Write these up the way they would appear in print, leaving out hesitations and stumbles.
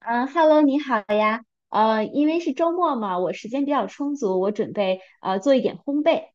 嗯，Hello，你好呀。因为是周末嘛，我时间比较充足，我准备做一点烘焙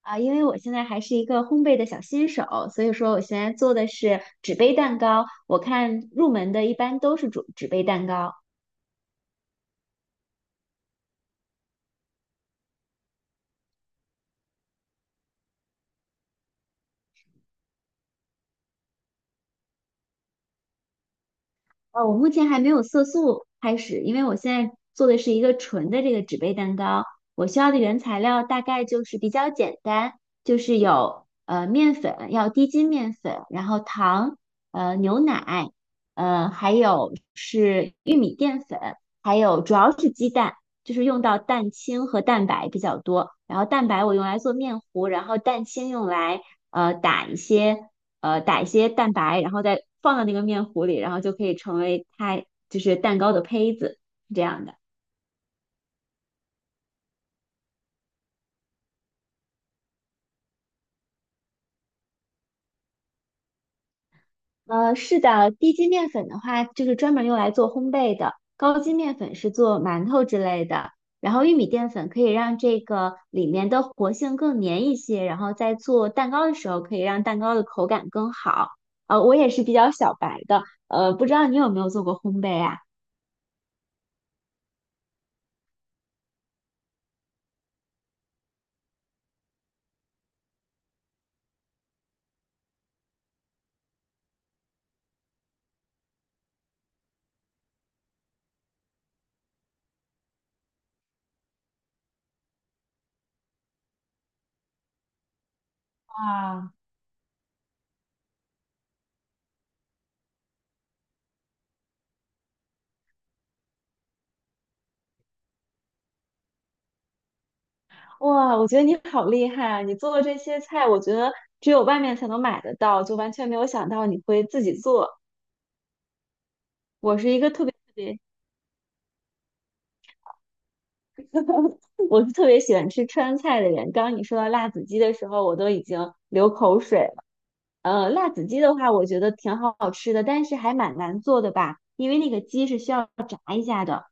啊，因为我现在还是一个烘焙的小新手，所以说我现在做的是纸杯蛋糕。我看入门的一般都是纸杯蛋糕。我目前还没有色素开始，因为我现在做的是一个纯的这个纸杯蛋糕。我需要的原材料大概就是比较简单，就是有面粉，要低筋面粉，然后糖，牛奶，还有是玉米淀粉，还有主要是鸡蛋，就是用到蛋清和蛋白比较多。然后蛋白我用来做面糊，然后蛋清用来打一些。打一些蛋白，然后再放到那个面糊里，然后就可以成为它就是蛋糕的胚子，是这样的。是的，低筋面粉的话，就是专门用来做烘焙的；高筋面粉是做馒头之类的。然后玉米淀粉可以让这个里面的活性更粘一些，然后在做蛋糕的时候可以让蛋糕的口感更好。我也是比较小白的，不知道你有没有做过烘焙啊？啊。哇，我觉得你好厉害啊！你做的这些菜，我觉得只有外面才能买得到，就完全没有想到你会自己做。我是一个特别特别，我是特别喜欢吃川菜的人。刚刚你说到辣子鸡的时候，我都已经流口水了。辣子鸡的话，我觉得挺好吃的，但是还蛮难做的吧，因为那个鸡是需要炸一下的。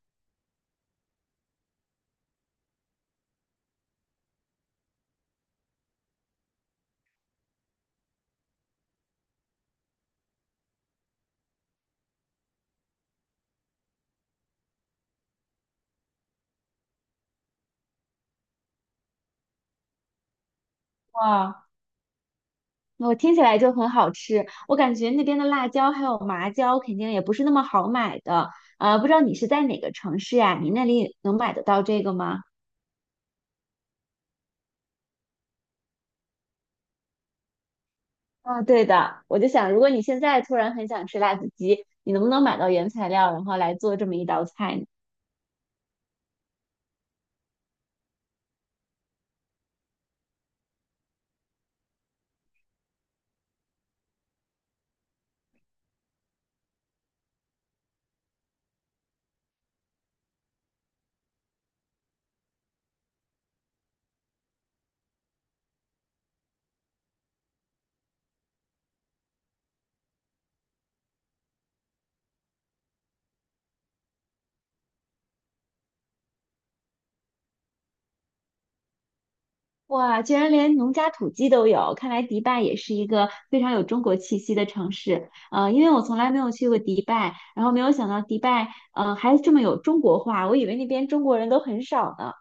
哇，我听起来就很好吃，我感觉那边的辣椒还有麻椒肯定也不是那么好买的。不知道你是在哪个城市呀？你那里能买得到这个吗？啊，对的，我就想，如果你现在突然很想吃辣子鸡，你能不能买到原材料，然后来做这么一道菜呢？哇，居然连农家土鸡都有，看来迪拜也是一个非常有中国气息的城市。因为我从来没有去过迪拜，然后没有想到迪拜，还这么有中国化，我以为那边中国人都很少呢。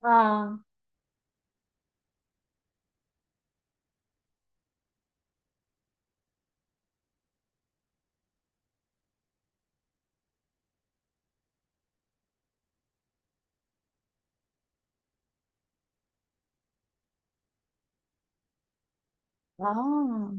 啊。哦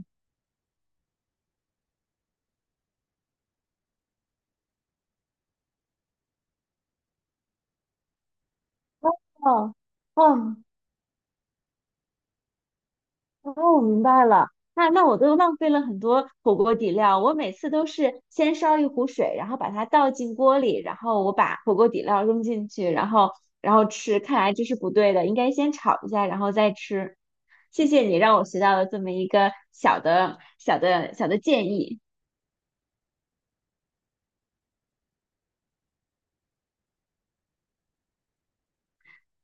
哦哦哦，我明白了。那我都浪费了很多火锅底料，我每次都是先烧一壶水，然后把它倒进锅里，然后我把火锅底料扔进去，然后吃。看来这是不对的，应该先炒一下，然后再吃。谢谢你让我学到了这么一个小的建议。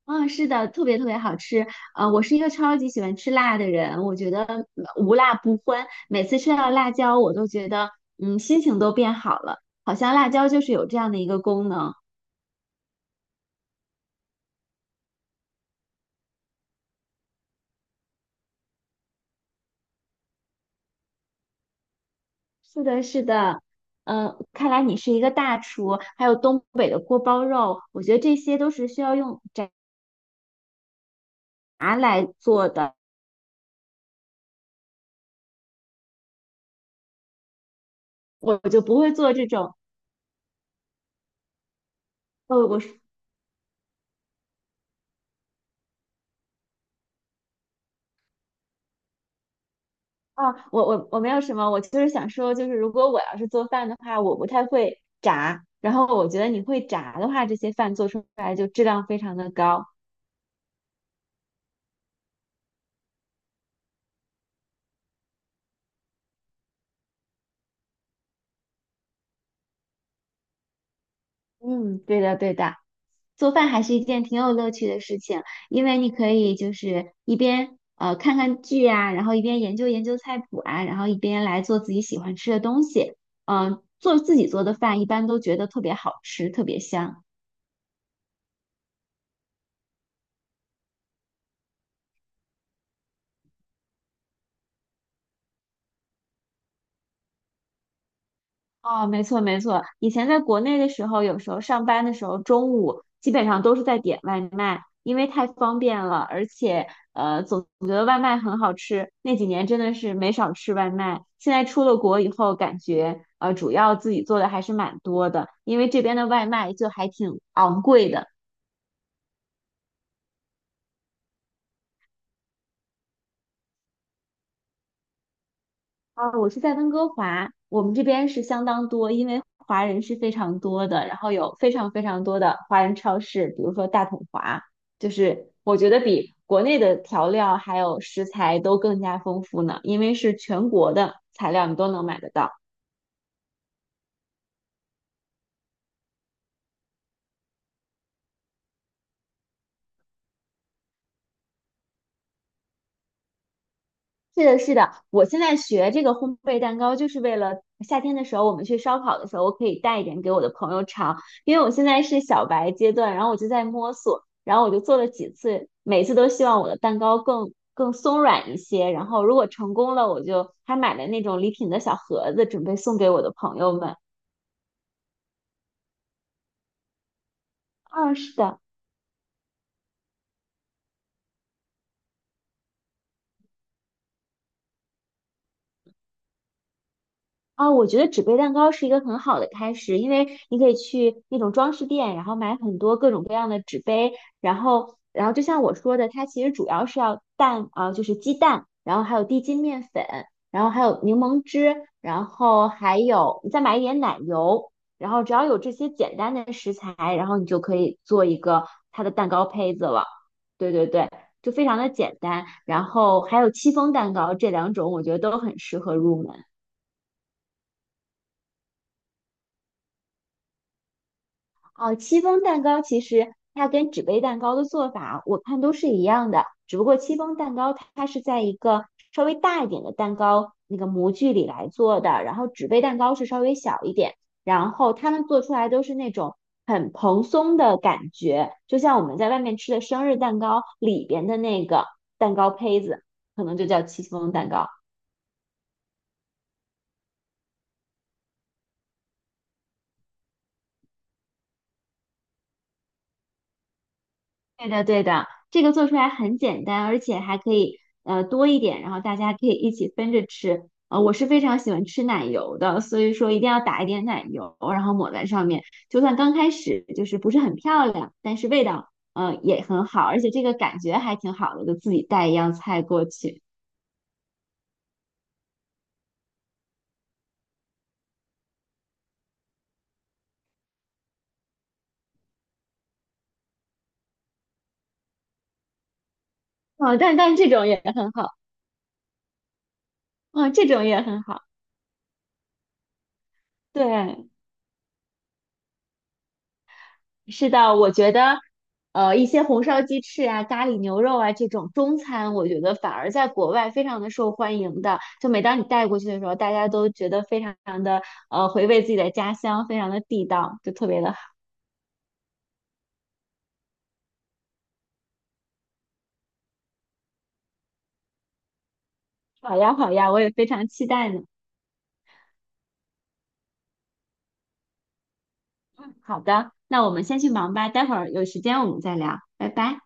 嗯，是的，特别特别好吃。我是一个超级喜欢吃辣的人，我觉得嗯无辣不欢。每次吃到辣椒，我都觉得嗯，心情都变好了，好像辣椒就是有这样的一个功能。是的，是的。嗯，看来你是一个大厨，还有东北的锅包肉，我觉得这些都是需要用炸来做的，我就不会做这种。呃，我啊，我没有什么，我就是想说，就是如果我要是做饭的话，我不太会炸，然后我觉得你会炸的话，这些饭做出来就质量非常的高。嗯，对的对的，做饭还是一件挺有乐趣的事情，因为你可以就是一边看看剧啊，然后一边研究研究菜谱啊，然后一边来做自己喜欢吃的东西。嗯、做自己做的饭一般都觉得特别好吃，特别香。哦，没错没错，以前在国内的时候，有时候上班的时候，中午基本上都是在点外卖，因为太方便了，而且总觉得外卖很好吃。那几年真的是没少吃外卖。现在出了国以后，感觉主要自己做的还是蛮多的，因为这边的外卖就还挺昂贵的。啊，我是在温哥华，我们这边是相当多，因为华人是非常多的，然后有非常非常多的华人超市，比如说大统华，就是我觉得比国内的调料还有食材都更加丰富呢，因为是全国的材料你都能买得到。是的，是的，我现在学这个烘焙蛋糕，就是为了夏天的时候我们去烧烤的时候，我可以带一点给我的朋友尝，因为我现在是小白阶段，然后我就在摸索，然后我就做了几次，每次都希望我的蛋糕更松软一些，然后如果成功了，我就还买了那种礼品的小盒子，准备送给我的朋友们。啊，是的。啊、我觉得纸杯蛋糕是一个很好的开始，因为你可以去那种装饰店，然后买很多各种各样的纸杯，然后就像我说的，它其实主要是要蛋啊、就是鸡蛋，然后还有低筋面粉，然后还有柠檬汁，然后还有你再买一点奶油，然后只要有这些简单的食材，然后你就可以做一个它的蛋糕胚子了。对对对，就非常的简单，然后还有戚风蛋糕，这两种我觉得都很适合入门。哦，戚风蛋糕其实它跟纸杯蛋糕的做法，我看都是一样的，只不过戚风蛋糕它是在一个稍微大一点的蛋糕那个模具里来做的，然后纸杯蛋糕是稍微小一点，然后他们做出来都是那种很蓬松的感觉，就像我们在外面吃的生日蛋糕里边的那个蛋糕胚子，可能就叫戚风蛋糕。对的，对的，这个做出来很简单，而且还可以多一点，然后大家可以一起分着吃。我是非常喜欢吃奶油的，所以说一定要打一点奶油，然后抹在上面。就算刚开始就是不是很漂亮，但是味道也很好，而且这个感觉还挺好的，就自己带一样菜过去。哦但这种也很好，啊、这种也很好，对。是的，我觉得，一些红烧鸡翅啊、咖喱牛肉啊这种中餐，我觉得反而在国外非常的受欢迎的。就每当你带过去的时候，大家都觉得非常的回味自己的家乡，非常的地道，就特别的好。好呀，好呀，我也非常期待呢。好的，那我们先去忙吧，待会儿有时间我们再聊，拜拜。